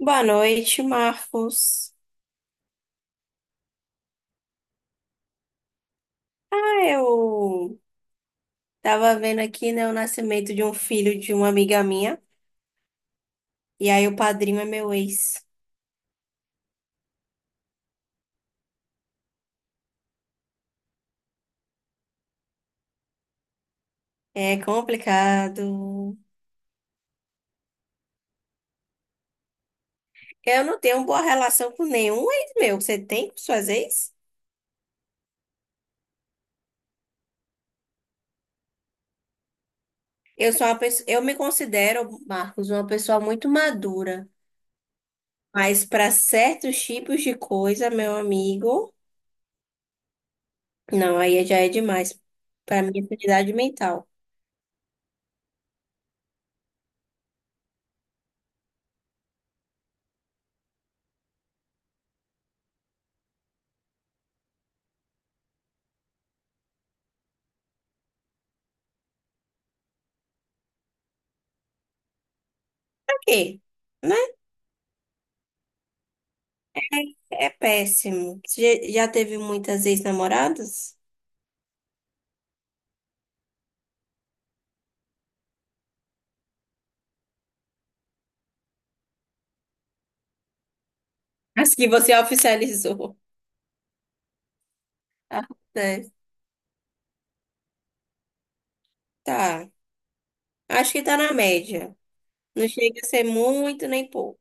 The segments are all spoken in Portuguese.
Boa noite, Marcos. Eu tava vendo aqui, né, o nascimento de um filho de uma amiga minha, e aí o padrinho é meu ex. É complicado. Eu não tenho boa relação com nenhum ex meu. Você tem com suas ex? Eu sou uma pessoa, eu me considero, Marcos, uma pessoa muito madura, mas para certos tipos de coisa, meu amigo, não, aí já é demais para minha sanidade mental. Por quê? É péssimo. Você Já teve muitas ex-namoradas? As que você oficializou. Ah. Tá. Tá. Acho que tá na média. Não chega a ser muito nem pouco.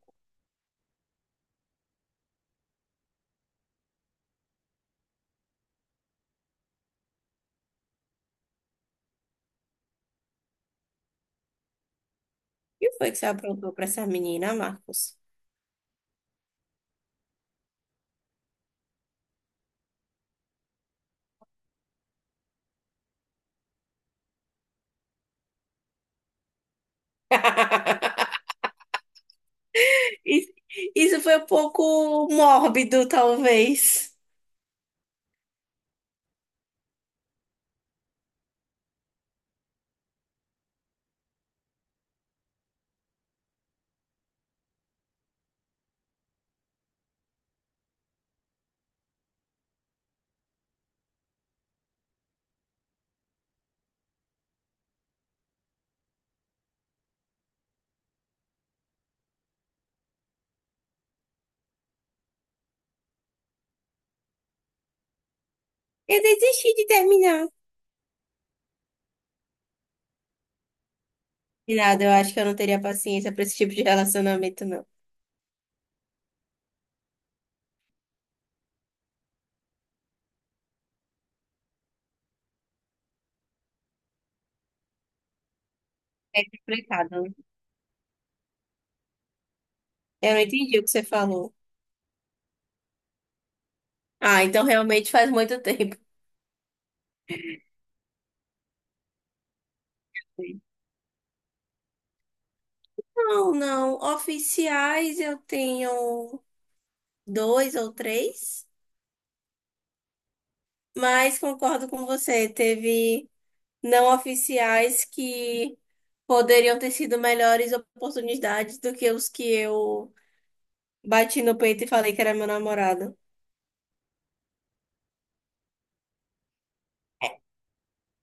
O que foi que você aprontou pra essa menina, Marcos? Isso isso foi um pouco mórbido, talvez. Eu desisti de terminar. De nada, eu acho que eu não teria paciência pra esse tipo de relacionamento, não. É complicado, né? Eu não entendi o que você falou. Ah, então realmente faz muito tempo. Não, não. Oficiais eu tenho dois ou três, mas concordo com você. Teve não oficiais que poderiam ter sido melhores oportunidades do que os que eu bati no peito e falei que era meu namorado. É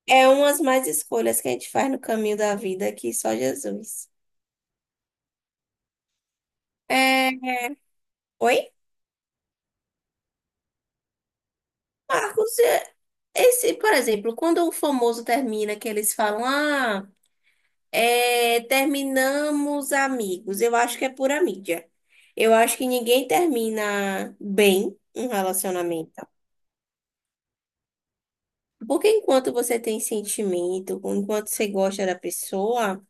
é umas mais escolhas que a gente faz no caminho da vida que só Jesus. É... Oi, Marcos, é- esse, por exemplo, quando o famoso termina, que eles falam, ah. É, terminamos amigos. Eu acho que é pura mídia. Eu acho que ninguém termina bem um relacionamento. Porque enquanto você tem sentimento, enquanto você gosta da pessoa,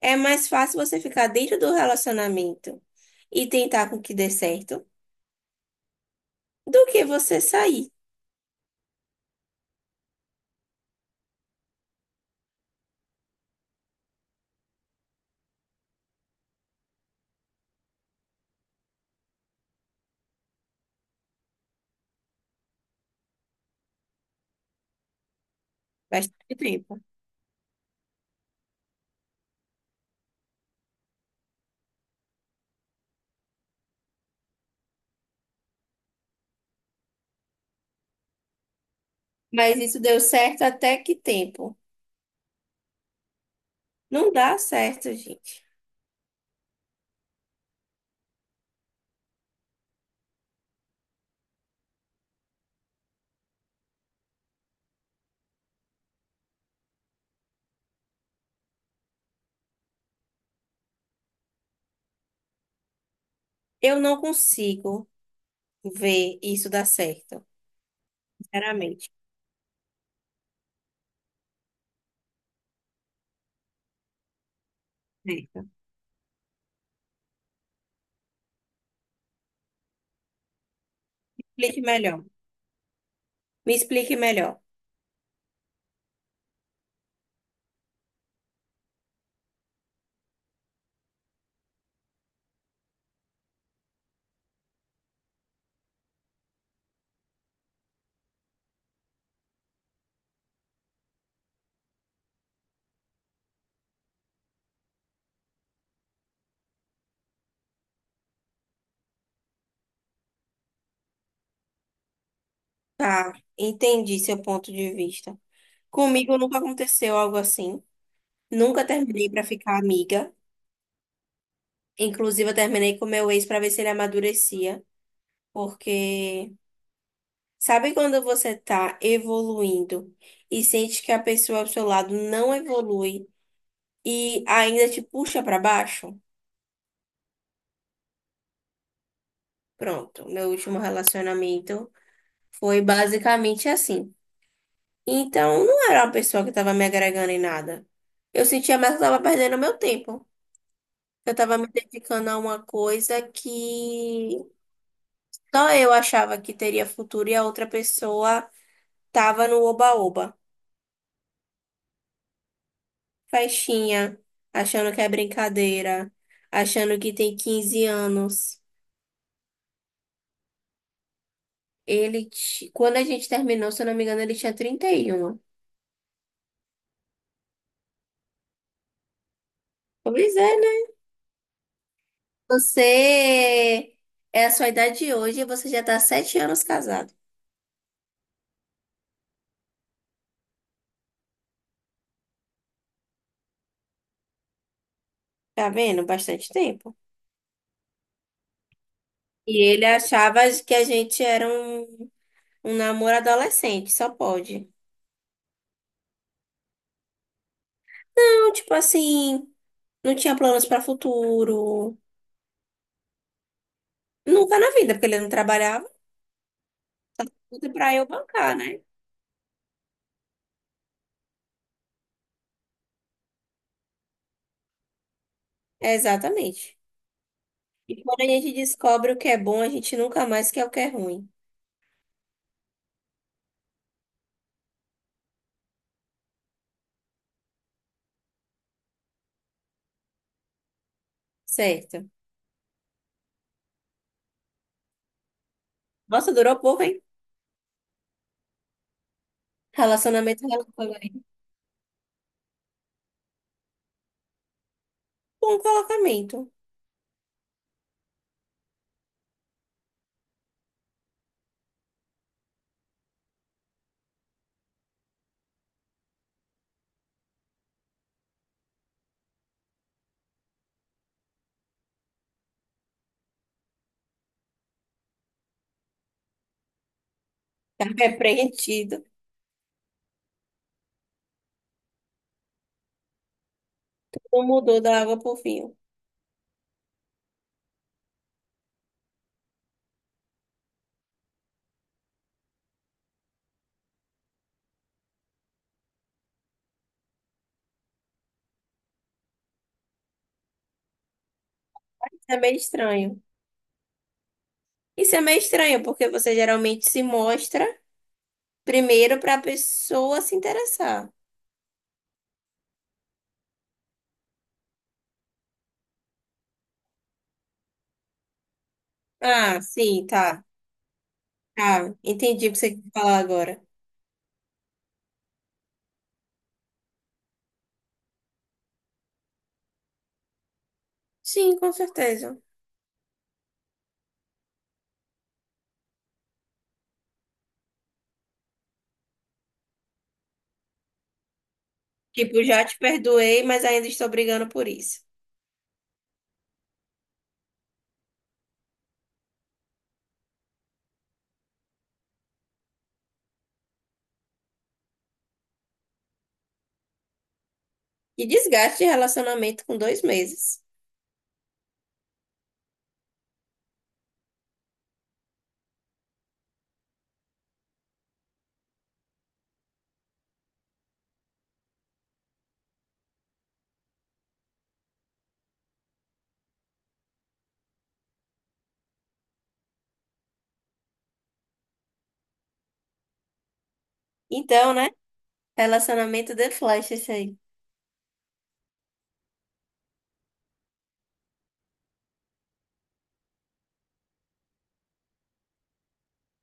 é mais fácil você ficar dentro do relacionamento e tentar com que dê certo do que você sair bastante tempo. Mas isso deu certo até que tempo? Não dá certo, gente. Eu não consigo ver isso dar certo, sinceramente. É. Explique melhor. Me explique melhor. Tá, entendi seu ponto de vista. Comigo nunca aconteceu algo assim. Nunca terminei pra ficar amiga. Inclusive, eu terminei com meu ex pra ver se ele amadurecia. Porque sabe quando você tá evoluindo e sente que a pessoa ao seu lado não evolui e ainda te puxa pra baixo? Pronto, meu último relacionamento foi basicamente assim. Então, não era uma pessoa que estava me agregando em nada. Eu sentia mais que eu estava perdendo meu tempo. Eu estava me dedicando a uma coisa que só eu achava que teria futuro e a outra pessoa estava no oba-oba. Festinha, achando que é brincadeira, achando que tem 15 anos. Ele, quando a gente terminou, se eu não me engano, ele tinha 31. Pois é, né? Você é a sua idade hoje e você já está 7 anos casado. Tá vendo? Bastante tempo. E ele achava que a gente era um namoro adolescente, só pode. Não, tipo assim, não tinha planos para futuro. Nunca na vida, porque ele não trabalhava, tudo pra eu bancar, né? É, exatamente. E quando a gente descobre o que é bom, a gente nunca mais quer o que é ruim. Certo. Nossa, durou pouco, hein? Relacionamento, relacionamento. Bom colocamento. Tá repreendido. Não mudou da água pro vinho. Isso é meio estranho. Isso é meio estranho, porque você geralmente se mostra. Primeiro para a pessoa se interessar. Ah, sim, tá. Tá, entendi o que você quer falar agora. Sim, com certeza. Tipo, já te perdoei, mas ainda estou brigando por isso. E desgaste de relacionamento com 2 meses. Então, né? Relacionamento de flash isso aí.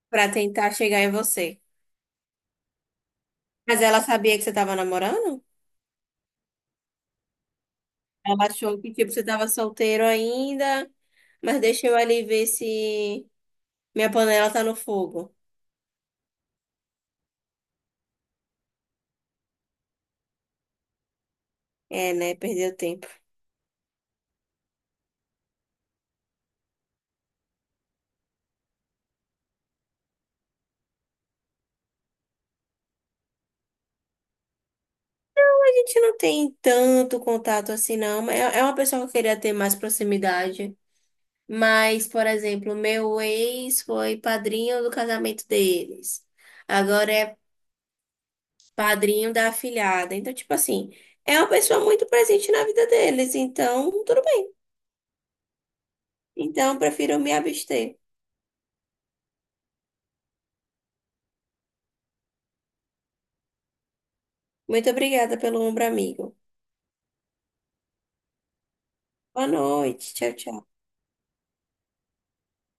Pra tentar chegar em você. Mas ela sabia que você tava namorando? Ela achou que, tipo, você tava solteiro ainda, mas deixa eu ali ver se minha panela tá no fogo. É, né? Perdeu tempo. A gente não tem tanto contato assim, não, mas é uma pessoa que eu queria ter mais proximidade. Mas, por exemplo, meu ex foi padrinho do casamento deles. Agora é padrinho da afilhada. Então, tipo assim, é uma pessoa muito presente na vida deles. Então, tudo bem. Então, eu prefiro me abster. Muito obrigada pelo ombro amigo. Boa noite. Tchau, tchau.